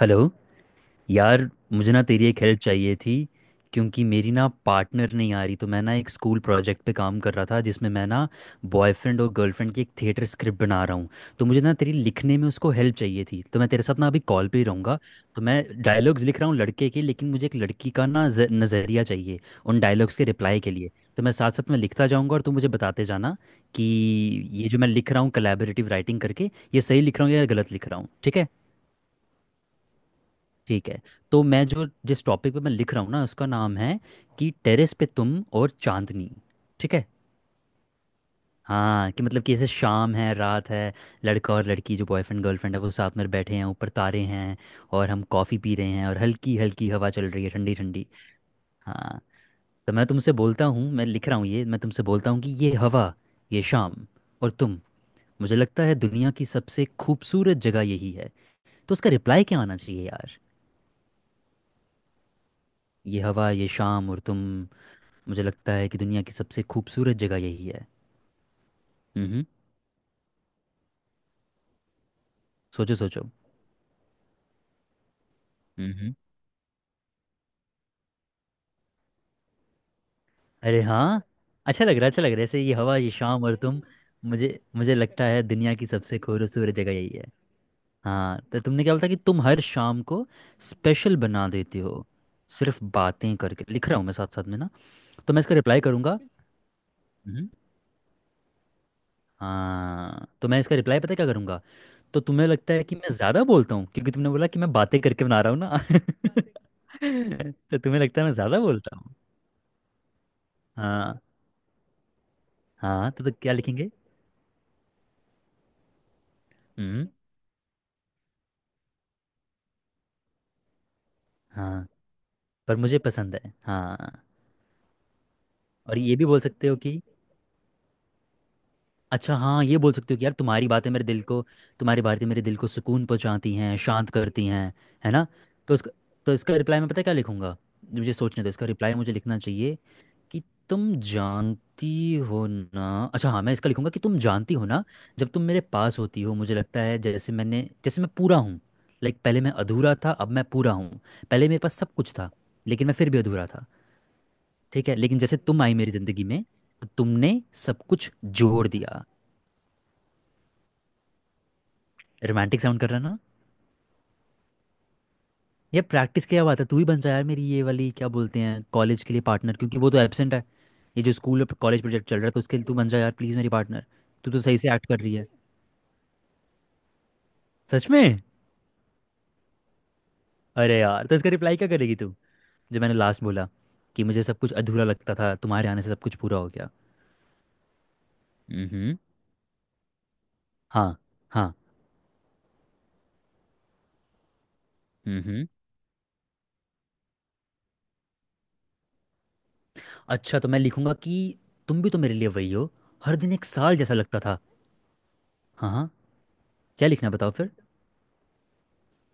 Hello. यार मुझे ना तेरी एक हेल्प चाहिए थी, क्योंकि मेरी ना पार्टनर नहीं आ रही। तो मैं ना एक स्कूल प्रोजेक्ट पे काम कर रहा था जिसमें मैं ना बॉयफ्रेंड और गर्लफ्रेंड की एक थिएटर स्क्रिप्ट बना रहा हूँ। तो मुझे ना तेरी लिखने में उसको हेल्प चाहिए थी, तो मैं तेरे साथ ना अभी कॉल पे ही रहूँगा। तो मैं डायलॉग्स लिख रहा हूँ लड़के के, लेकिन मुझे एक लड़की का ना नज़रिया चाहिए उन डायलॉग्स के रिप्लाई के लिए। तो मैं साथ साथ में लिखता जाऊँगा और तू मुझे बताते जाना कि ये जो मैं लिख रहा हूँ कलेबरेटिव राइटिंग करके, ये सही लिख रहा हूँ या गलत लिख रहा हूँ। ठीक है? ठीक है। तो मैं जो जिस टॉपिक पे मैं लिख रहा हूँ ना, उसका नाम है कि टेरेस पे तुम और चांदनी। ठीक है? हाँ, कि मतलब कि जैसे शाम है, रात है, लड़का और लड़की जो बॉयफ्रेंड गर्लफ्रेंड है वो साथ में बैठे हैं, ऊपर तारे हैं और हम कॉफ़ी पी रहे हैं और हल्की हल्की हवा चल रही है, ठंडी ठंडी। हाँ, तो मैं तुमसे बोलता हूँ, मैं लिख रहा हूँ ये, मैं तुमसे बोलता हूँ कि ये हवा, ये शाम और तुम, मुझे लगता है दुनिया की सबसे खूबसूरत जगह यही है। तो उसका रिप्लाई क्या आना चाहिए यार? ये हवा, ये शाम और तुम, मुझे लगता है कि दुनिया की सबसे खूबसूरत जगह यही है। हम्म। सोचो सोचो। हम्म। अरे हाँ, अच्छा लग रहा है, अच्छा लग रहा है ऐसे। ये हवा, ये शाम और तुम, मुझे मुझे लगता है दुनिया की सबसे खूबसूरत जगह यही है। हाँ, तो तुमने क्या बोला था कि तुम हर शाम को स्पेशल बना देते हो सिर्फ बातें करके। लिख रहा हूँ मैं साथ साथ में ना। तो मैं इसका रिप्लाई करूँगा। हम्म। हाँ, तो मैं इसका रिप्लाई पता है क्या करूँगा? तो तुम्हें लगता है कि मैं ज़्यादा बोलता हूँ, क्योंकि तुमने बोला कि मैं बातें करके बना रहा हूँ ना। तो तुम्हें लगता है मैं ज़्यादा बोलता हूँ? हाँ। हाँ तो क्या लिखेंगे? हम्म। हाँ, पर मुझे पसंद है। हाँ। और ये भी बोल सकते हो कि, अच्छा हाँ, ये बोल सकते हो कि यार तुम्हारी बातें मेरे दिल को। तुम्हारी बातें मेरे दिल को सुकून पहुंचाती हैं, शांत करती हैं। है ना? तो इसका, तो इसका रिप्लाई मैं पता है क्या लिखूंगा? मुझे सोचने दो, इसका रिप्लाई मुझे लिखना चाहिए कि तुम जानती हो ना। अच्छा हाँ, मैं इसका लिखूंगा कि तुम जानती हो ना, जब तुम मेरे पास होती हो मुझे लगता है जैसे मैं पूरा हूँ। लाइक, पहले मैं अधूरा था, अब मैं पूरा हूँ। पहले मेरे पास सब कुछ था, लेकिन मैं फिर भी अधूरा था। ठीक है, लेकिन जैसे तुम आई मेरी ज़िंदगी में, तो तुमने सब कुछ जोड़ दिया। रोमांटिक साउंड कर रहा ना? ये प्रैक्टिस क्या बात है, तू ही बन जा यार मेरी ये वाली, क्या बोलते हैं, कॉलेज के लिए पार्टनर, क्योंकि वो तो एबसेंट है। ये जो स्कूल और कॉलेज प्रोजेक्ट चल रहा है, तो उसके लिए तू बन जा यार प्लीज़ मेरी पार्टनर। तू तो सही से एक्ट कर रही है सच में। अरे यार, तो इसका रिप्लाई क्या करेगी तू, जो मैंने लास्ट बोला कि मुझे सब कुछ अधूरा लगता था, तुम्हारे आने से सब कुछ पूरा हो गया। हम्म। हाँ। हाँ। हम्म। अच्छा तो मैं लिखूंगा कि तुम भी तो मेरे लिए वही हो, हर दिन एक साल जैसा लगता था। हाँ हाँ। क्या लिखना है बताओ फिर।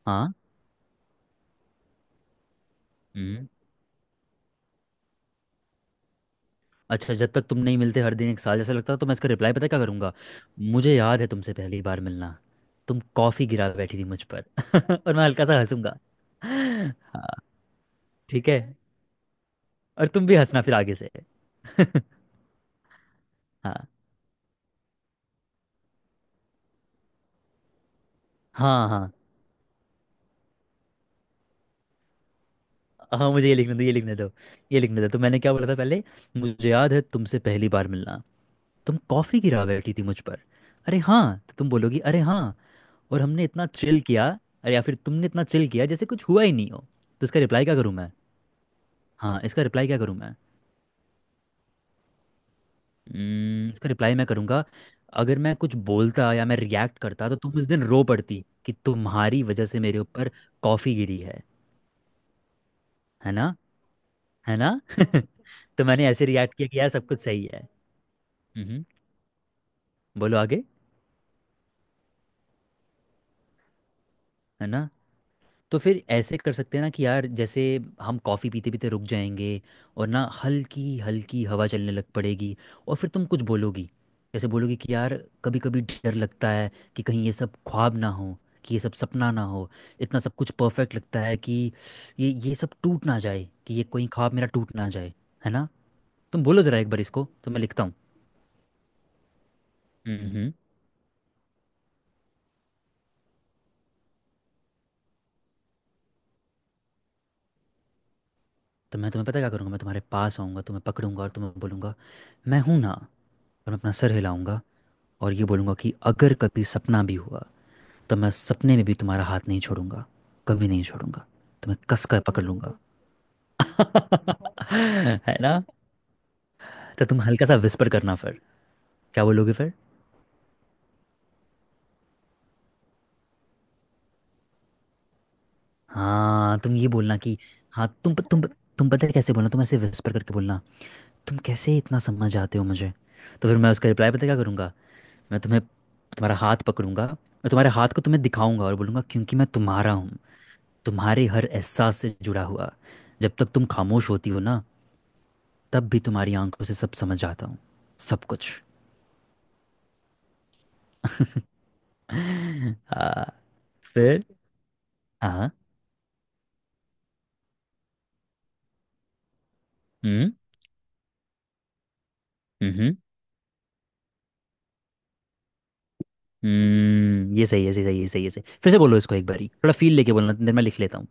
हाँ। हम्म। अच्छा, जब तक तुम नहीं मिलते हर दिन एक साल जैसा लगता था। तो मैं इसका रिप्लाई पता क्या करूंगा? मुझे याद है तुमसे पहली बार मिलना, तुम कॉफ़ी गिरा बैठी थी मुझ पर। और मैं हल्का सा हंसूंगा। हाँ, ठीक है, और तुम भी हंसना फिर आगे से। हाँ। हाँ हाँ हाँ, मुझे ये लिखने दो, ये लिखने दो। तो मैंने क्या बोला था पहले? मुझे याद है तुमसे पहली बार मिलना, तुम कॉफ़ी गिरा बैठी थी मुझ पर। अरे हाँ, तो तुम बोलोगी, अरे हाँ। और हमने इतना चिल किया, अरे या फिर तुमने इतना चिल किया जैसे कुछ हुआ ही नहीं हो। तो इसका रिप्लाई क्या करूँ मैं? हाँ, इसका रिप्लाई क्या करूँ मैं? इसका रिप्लाई मैं करूँगा, अगर मैं कुछ बोलता या मैं रिएक्ट करता तो तुम उस दिन रो पड़ती कि तुम्हारी वजह से मेरे ऊपर कॉफ़ी गिरी है। है ना? है ना। तो मैंने ऐसे रिएक्ट किया कि यार सब कुछ सही है। हम्म। बोलो आगे। है ना? तो फिर ऐसे कर सकते हैं ना कि यार, जैसे हम कॉफ़ी पीते पीते रुक जाएंगे और ना हल्की हल्की हवा चलने लग पड़ेगी, और फिर तुम कुछ बोलोगी, जैसे बोलोगी कि यार कभी कभी डर लगता है कि कहीं ये सब ख्वाब ना हो, कि ये सब सपना ना हो। इतना सब कुछ परफेक्ट लगता है कि ये सब टूट ना जाए, कि ये कोई ख्वाब मेरा टूट ना जाए। है ना? तुम बोलो ज़रा एक बार इसको, तो मैं लिखता हूँ। तो मैं तुम्हें पता क्या करूँगा, मैं तुम्हारे पास आऊँगा, तुम्हें पकड़ूंगा और तुम्हें बोलूँगा, मैं हूँ ना। और मैं अपना सर हिलाऊंगा और ये बोलूँगा कि अगर कभी सपना भी हुआ तो मैं सपने में भी तुम्हारा हाथ नहीं छोड़ूंगा, कभी नहीं छोड़ूंगा, तुम्हें कस कर पकड़ लूंगा। है ना? तो तुम हल्का सा विस्पर करना फिर। क्या बोलोगे फिर? हाँ, तुम ये बोलना कि, हाँ तुम तुम पता है कैसे बोलना, तुम ऐसे विस्पर करके बोलना, तुम कैसे इतना समझ जाते हो मुझे। तो फिर मैं उसका रिप्लाई पता क्या करूँगा? मैं तुम्हें तुम्हारा हाथ पकड़ूंगा और तुम्हारे हाथ को तुम्हें दिखाऊंगा और बोलूंगा क्योंकि मैं तुम्हारा हूँ, तुम्हारे हर एहसास से जुड़ा हुआ। जब तक तुम खामोश होती हो ना, तब भी तुम्हारी आंखों से सब समझ आता हूँ, सब कुछ। आ, फिर। हाँ। हम्म। हम्म। हम्म, ये सही है, सही सही, ये सही है सही, फिर से बोलो इसको एक बारी थोड़ा फील लेके बोलना, इतनी देर मैं लिख लेता हूँ।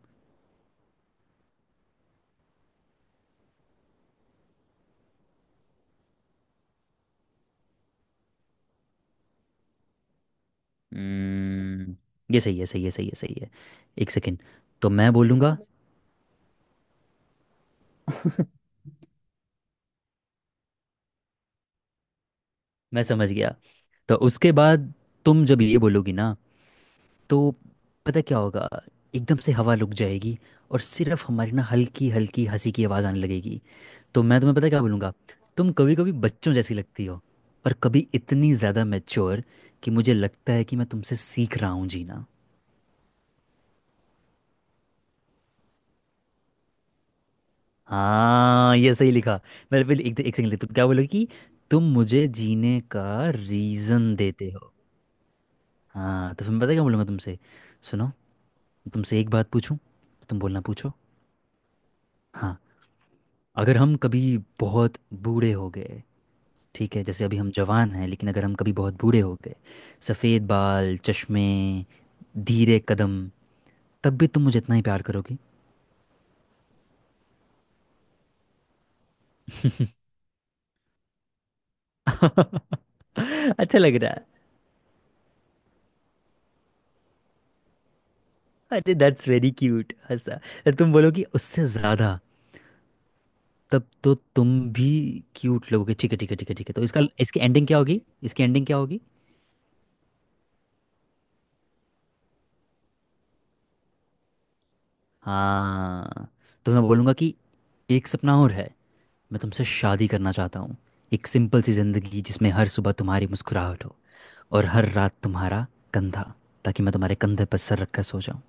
हम्म, ये सही है, सही है, सही है, सही है। एक सेकेंड। तो मैं बोलूँगा, मैं समझ गया। तो उसके बाद तुम जब ये बोलोगी ना, तो पता क्या होगा, एकदम से हवा रुक जाएगी और सिर्फ हमारी ना हल्की हल्की हंसी की आवाज़ आने लगेगी। तो मैं तुम्हें पता क्या बोलूँगा, तुम कभी कभी बच्चों जैसी लगती हो और कभी इतनी ज़्यादा मैच्योर कि मुझे लगता है कि मैं तुमसे सीख रहा हूँ जीना। हाँ, ये सही लिखा। मेरे पहले एक एक सेकंड, तुम क्या बोलोगे कि तुम मुझे जीने का रीज़न देते हो। हाँ तो फिर मैं पता क्या बोलूँगा तुमसे, सुनो, तुमसे एक बात पूछूं, तो तुम बोलना पूछो। हाँ, अगर हम कभी बहुत बूढ़े हो गए, ठीक है जैसे अभी हम जवान हैं, लेकिन अगर हम कभी बहुत बूढ़े हो गए, सफ़ेद बाल, चश्मे, धीरे कदम, तब भी तुम मुझे इतना ही प्यार करोगी? अच्छा लग रहा है। अरे दैट्स वेरी क्यूट, हंसा। अरे तुम बोलोगी उससे ज़्यादा, तब तो तुम भी क्यूट लगोगे। ठीक है ठीक है ठीक है ठीक है। तो इसका इसकी एंडिंग क्या होगी, इसकी एंडिंग क्या होगी? हाँ, तो मैं बोलूँगा कि एक सपना और है, मैं तुमसे शादी करना चाहता हूँ, एक सिंपल सी ज़िंदगी जिसमें हर सुबह तुम्हारी मुस्कुराहट हो और हर रात तुम्हारा कंधा, ताकि मैं तुम्हारे कंधे पर सर रखकर सो जाऊँ।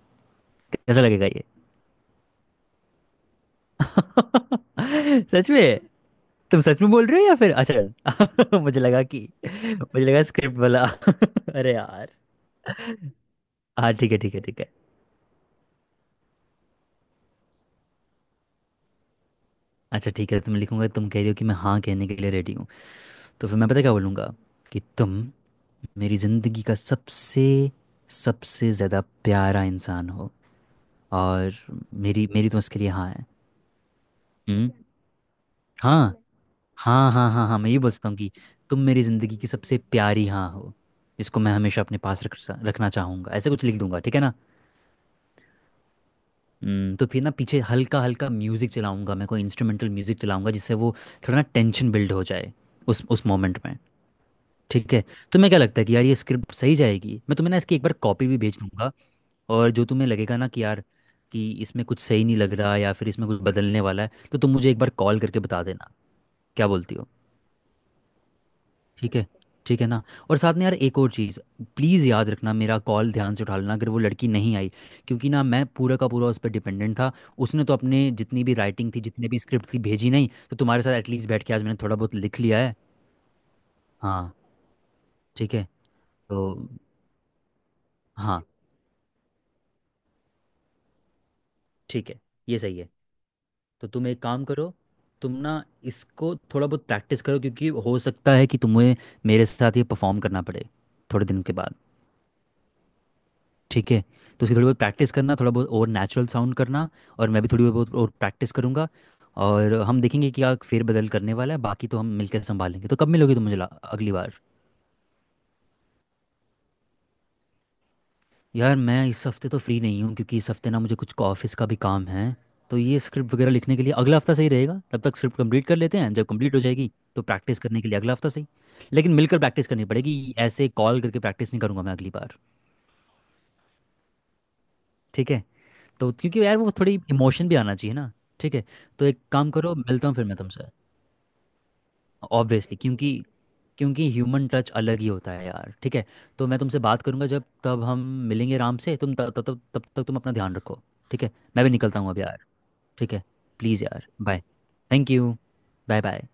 कैसा लगेगा ये? सच में? तुम सच में बोल रहे हो या फिर, अच्छा मुझे लगा कि, मुझे लगा स्क्रिप्ट वाला। अरे यार, हाँ ठीक है ठीक है ठीक है। अच्छा ठीक है, तुम लिखूंगा तुम कह रही हो कि मैं हाँ कहने के लिए रेडी हूँ। तो फिर मैं पता क्या बोलूँगा कि तुम मेरी ज़िंदगी का सबसे सबसे ज़्यादा प्यारा इंसान हो और मेरी मेरी तो उसके लिए हाँ है। हम्म। हाँ हाँ हाँ हाँ, हाँ मैं ये बोल सकता हूँ कि तुम मेरी ज़िंदगी की सबसे प्यारी हाँ हो, जिसको मैं हमेशा अपने पास रख रखना चाहूँगा, ऐसे कुछ लिख दूंगा। ठीक है ना? तो फिर ना पीछे हल्का हल्का म्यूज़िक चलाऊंगा, मैं कोई इंस्ट्रूमेंटल म्यूज़िक चलाऊंगा जिससे वो थोड़ा ना टेंशन बिल्ड हो जाए उस मोमेंट में। ठीक है? तुम्हें क्या लगता है कि यार ये स्क्रिप्ट सही जाएगी? मैं तुम्हें ना इसकी एक बार कॉपी भी भेज दूंगा, और जो तुम्हें लगेगा ना कि यार कि इसमें कुछ सही नहीं लग रहा या फिर इसमें कुछ बदलने वाला है, तो तुम मुझे एक बार कॉल करके बता देना। क्या बोलती हो? ठीक है। ठीक है ना? और साथ में यार एक और चीज़, प्लीज़ याद रखना मेरा कॉल ध्यान से उठा लेना, अगर वो लड़की नहीं आई, क्योंकि ना मैं पूरा का पूरा उस पर डिपेंडेंट था। उसने तो अपने जितनी भी राइटिंग थी जितने भी स्क्रिप्ट थी भेजी नहीं, तो तुम्हारे साथ एटलीस्ट बैठ के आज मैंने थोड़ा बहुत लिख लिया है। हाँ। ठीक है। तो, हाँ, ठीक है, ये सही है। तो तुम एक काम करो, तुम ना इसको थोड़ा बहुत प्रैक्टिस करो, क्योंकि हो सकता है कि तुम्हें मेरे साथ ये परफॉर्म करना पड़े थोड़े दिन के बाद। ठीक है? तो उसकी थोड़ी बहुत प्रैक्टिस करना, थोड़ा बहुत और नेचुरल साउंड करना, और मैं भी थोड़ी बहुत और प्रैक्टिस करूँगा और हम देखेंगे कि क्या फेरबदल करने वाला है, बाकी तो हम मिलकर संभालेंगे। तो कब मिलोगी तुम मुझे अगली बार? यार मैं इस हफ्ते तो फ्री नहीं हूँ, क्योंकि इस हफ्ते ना मुझे कुछ ऑफिस का भी काम है, तो ये स्क्रिप्ट वगैरह लिखने के लिए अगला हफ्ता सही रहेगा, तब तक स्क्रिप्ट कंप्लीट कर लेते हैं, जब कंप्लीट हो जाएगी तो प्रैक्टिस करने के लिए अगला हफ्ता सही। लेकिन मिलकर प्रैक्टिस करनी पड़ेगी, ऐसे कॉल करके प्रैक्टिस नहीं करूँगा मैं अगली बार। ठीक है? तो क्योंकि यार वो थोड़ी इमोशन भी आना चाहिए ना। ठीक है? तो एक काम करो, मिलता हूँ फिर मैं तुमसे। ऑब्वियसली, क्योंकि क्योंकि ह्यूमन टच अलग ही होता है यार। ठीक है? तो मैं तुमसे बात करूंगा जब तब हम मिलेंगे आराम से। तुम तब तब तब तक तुम अपना ध्यान रखो। ठीक है? मैं भी निकलता हूँ अब यार। ठीक है, प्लीज़ यार, bye. Thank you. Bye bye.